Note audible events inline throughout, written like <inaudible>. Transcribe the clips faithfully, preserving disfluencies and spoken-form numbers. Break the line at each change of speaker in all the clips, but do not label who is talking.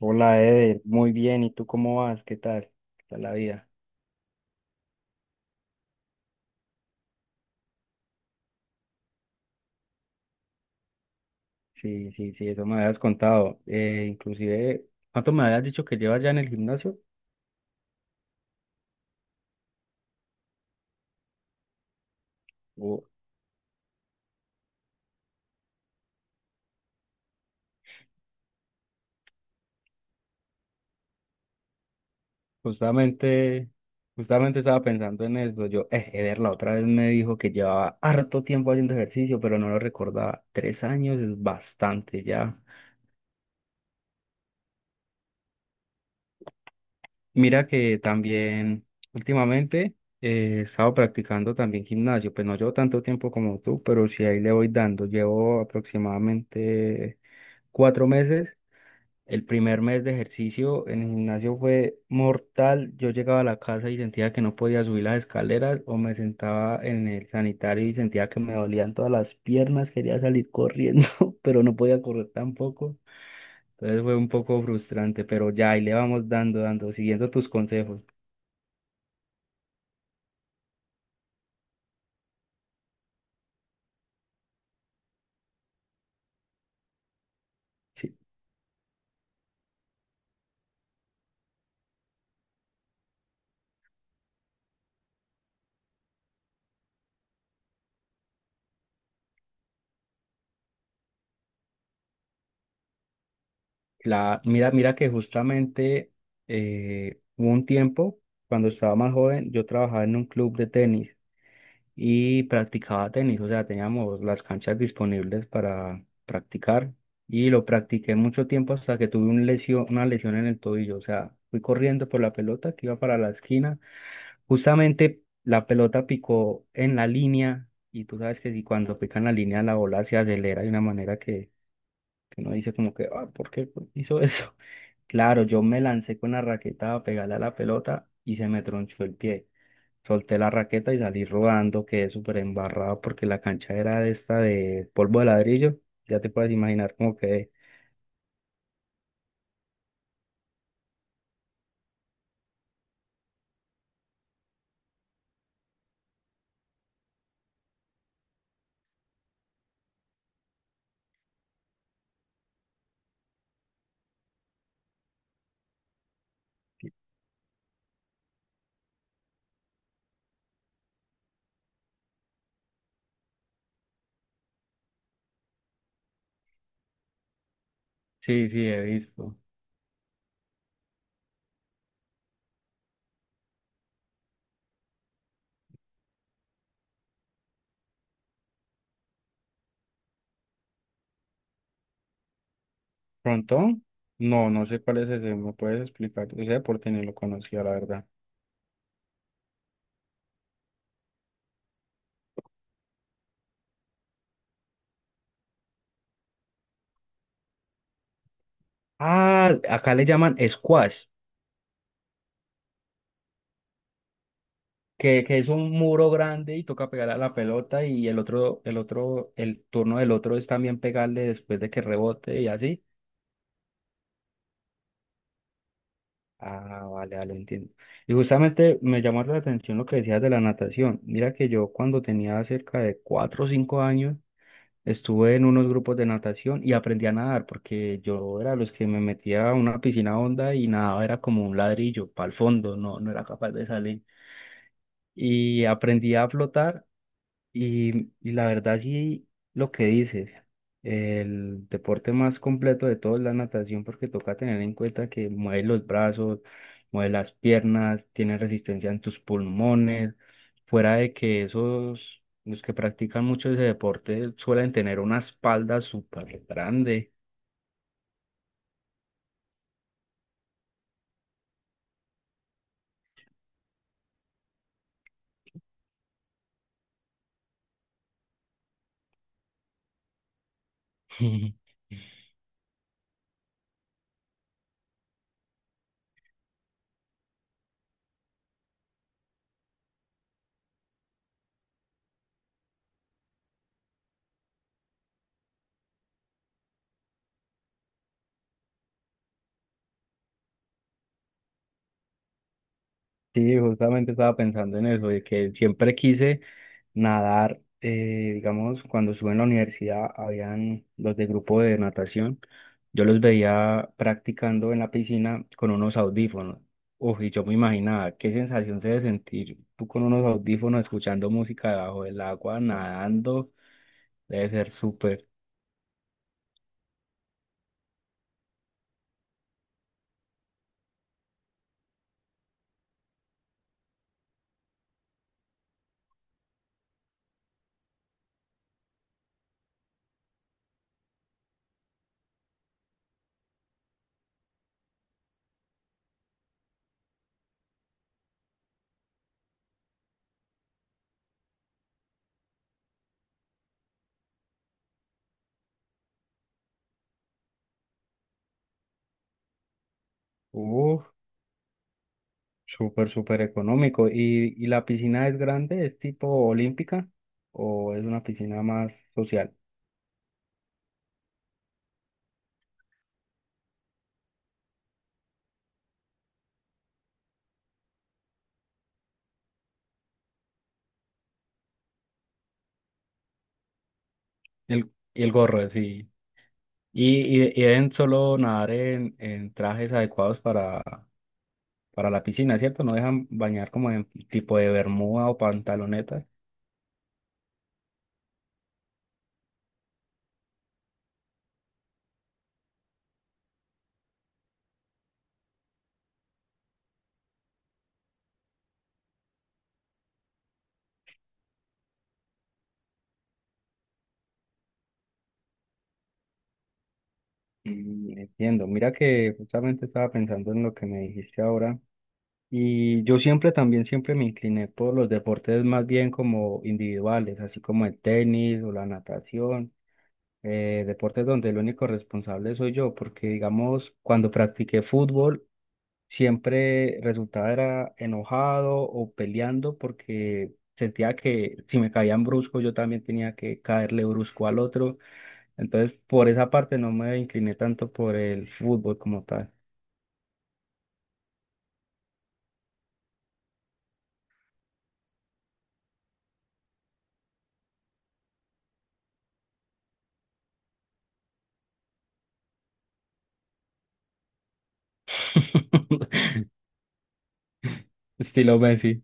Hola, Eder, muy bien. ¿Y tú cómo vas? ¿Qué tal? ¿Qué tal la vida? Sí, sí, sí, eso me habías contado. Eh, inclusive, ¿cuánto me habías dicho que llevas ya en el gimnasio? Oh, justamente, justamente estaba pensando en eso. Yo, eh, Eder la otra vez me dijo que llevaba harto tiempo haciendo ejercicio, pero no lo recordaba. Tres años es bastante ya. Mira que también últimamente eh, he estado practicando también gimnasio, pues no llevo tanto tiempo como tú, pero sí ahí le voy dando. Llevo aproximadamente cuatro meses. El primer mes de ejercicio en el gimnasio fue mortal. Yo llegaba a la casa y sentía que no podía subir las escaleras o me sentaba en el sanitario y sentía que me dolían todas las piernas. Quería salir corriendo, <laughs> pero no podía correr tampoco. Entonces fue un poco frustrante, pero ya ahí le vamos dando, dando, siguiendo tus consejos. Sí. La, mira, mira que justamente eh, hubo un tiempo, cuando estaba más joven, yo trabajaba en un club de tenis y practicaba tenis, o sea, teníamos las canchas disponibles para practicar y lo practiqué mucho tiempo hasta que tuve un lesión, una lesión en el tobillo, o sea, fui corriendo por la pelota que iba para la esquina, justamente la pelota picó en la línea y tú sabes que si cuando pica en la línea la bola se acelera de una manera que, que uno dice como que, ah, ¿por qué hizo eso? Claro, yo me lancé con la raqueta a pegarle a la pelota y se me tronchó el pie. Solté la raqueta y salí rodando, quedé súper embarrado porque la cancha era de esta de polvo de ladrillo. Ya te puedes imaginar cómo quedé. Sí, sí, he visto. ¿Frontón? No, no sé cuál es ese, ¿me puedes explicar? Ese deporte ni lo conocía, la verdad. Ah, acá le llaman squash, que, que es un muro grande y toca pegarle a la pelota y el otro, el otro, el turno del otro es también pegarle después de que rebote y así. Ah, vale, vale, entiendo. Y justamente me llamó la atención lo que decías de la natación. Mira que yo cuando tenía cerca de cuatro o cinco años estuve en unos grupos de natación y aprendí a nadar porque yo era los que me metía a una piscina honda y nadaba era como un ladrillo para el fondo, no, no era capaz de salir. Y aprendí a flotar y, y la verdad sí, lo que dices, el deporte más completo de todos es la natación porque toca tener en cuenta que mueves los brazos, mueves las piernas, tienes resistencia en tus pulmones, fuera de que esos, los que practican mucho ese deporte suelen tener una espalda súper grande. <laughs> Sí, justamente estaba pensando en eso, de que siempre quise nadar, eh, digamos, cuando estuve en la universidad, habían los de grupo de natación, yo los veía practicando en la piscina con unos audífonos. Uf, y yo me imaginaba qué sensación se debe sentir tú con unos audífonos escuchando música debajo del agua, nadando, debe ser súper, uf, súper, súper económico. ¿Y, y la piscina es grande, es tipo olímpica o es una piscina más social? Y el, y el gorro, sí. Y, y, y deben solo nadar en, en trajes adecuados para, para la piscina, ¿cierto? No dejan bañar como en tipo de bermuda o pantalonetas. Mm, entiendo. Mira que justamente estaba pensando en lo que me dijiste ahora. Y yo siempre también, siempre me incliné por los deportes más bien como individuales, así como el tenis o la natación. eh, deportes donde el único responsable soy yo, porque digamos, cuando practiqué fútbol, siempre resultaba era enojado o peleando porque sentía que si me caían brusco yo también tenía que caerle brusco al otro. Entonces, por esa parte no me incliné tanto por el fútbol como tal. <laughs> Estilo Messi.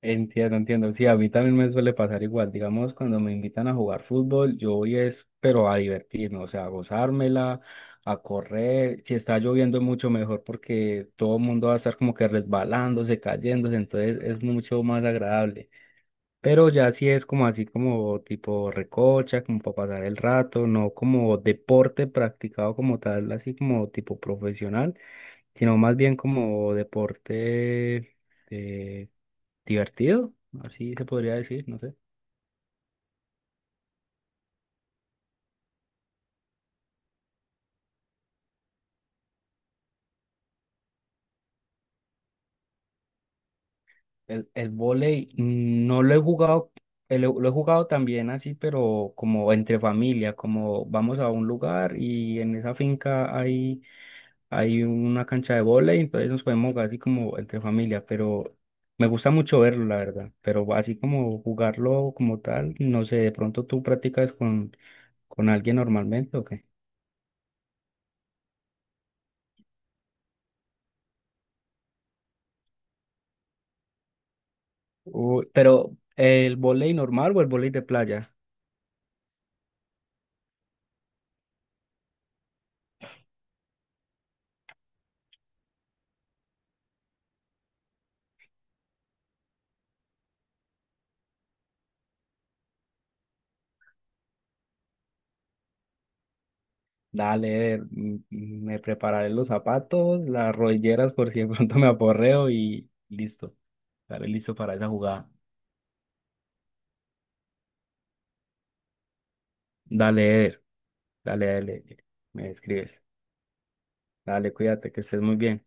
Entiendo, entiendo. Sí, a mí también me suele pasar igual. Digamos, cuando me invitan a jugar fútbol, yo voy es, pero a divertirme, o sea, a gozármela, a correr. Si está lloviendo, mucho mejor porque todo el mundo va a estar como que resbalándose, cayéndose, entonces es mucho más agradable. Pero ya si es como así, como tipo recocha, como para pasar el rato, no como deporte practicado como tal, así como tipo profesional, sino más bien como deporte. eh, divertido, así se podría decir, no sé. El, el vóley mm, no lo he jugado, el- lo he jugado también así, pero como entre familia, como vamos a un lugar y en esa finca hay, hay una cancha de vóley, entonces nos podemos jugar así como entre familia, pero me gusta mucho verlo, la verdad, pero así como jugarlo como tal, no sé, de pronto tú practicas con, con alguien normalmente o qué. Uy, pero el vóley normal o el vóley de playa. Dale, mm, mm, me prepararé los zapatos, las rodilleras por si de pronto me aporreo y listo. Estaré listo para esa jugada. Dale, Eder, dale, dale, me escribes. Dale, cuídate, que estés muy bien.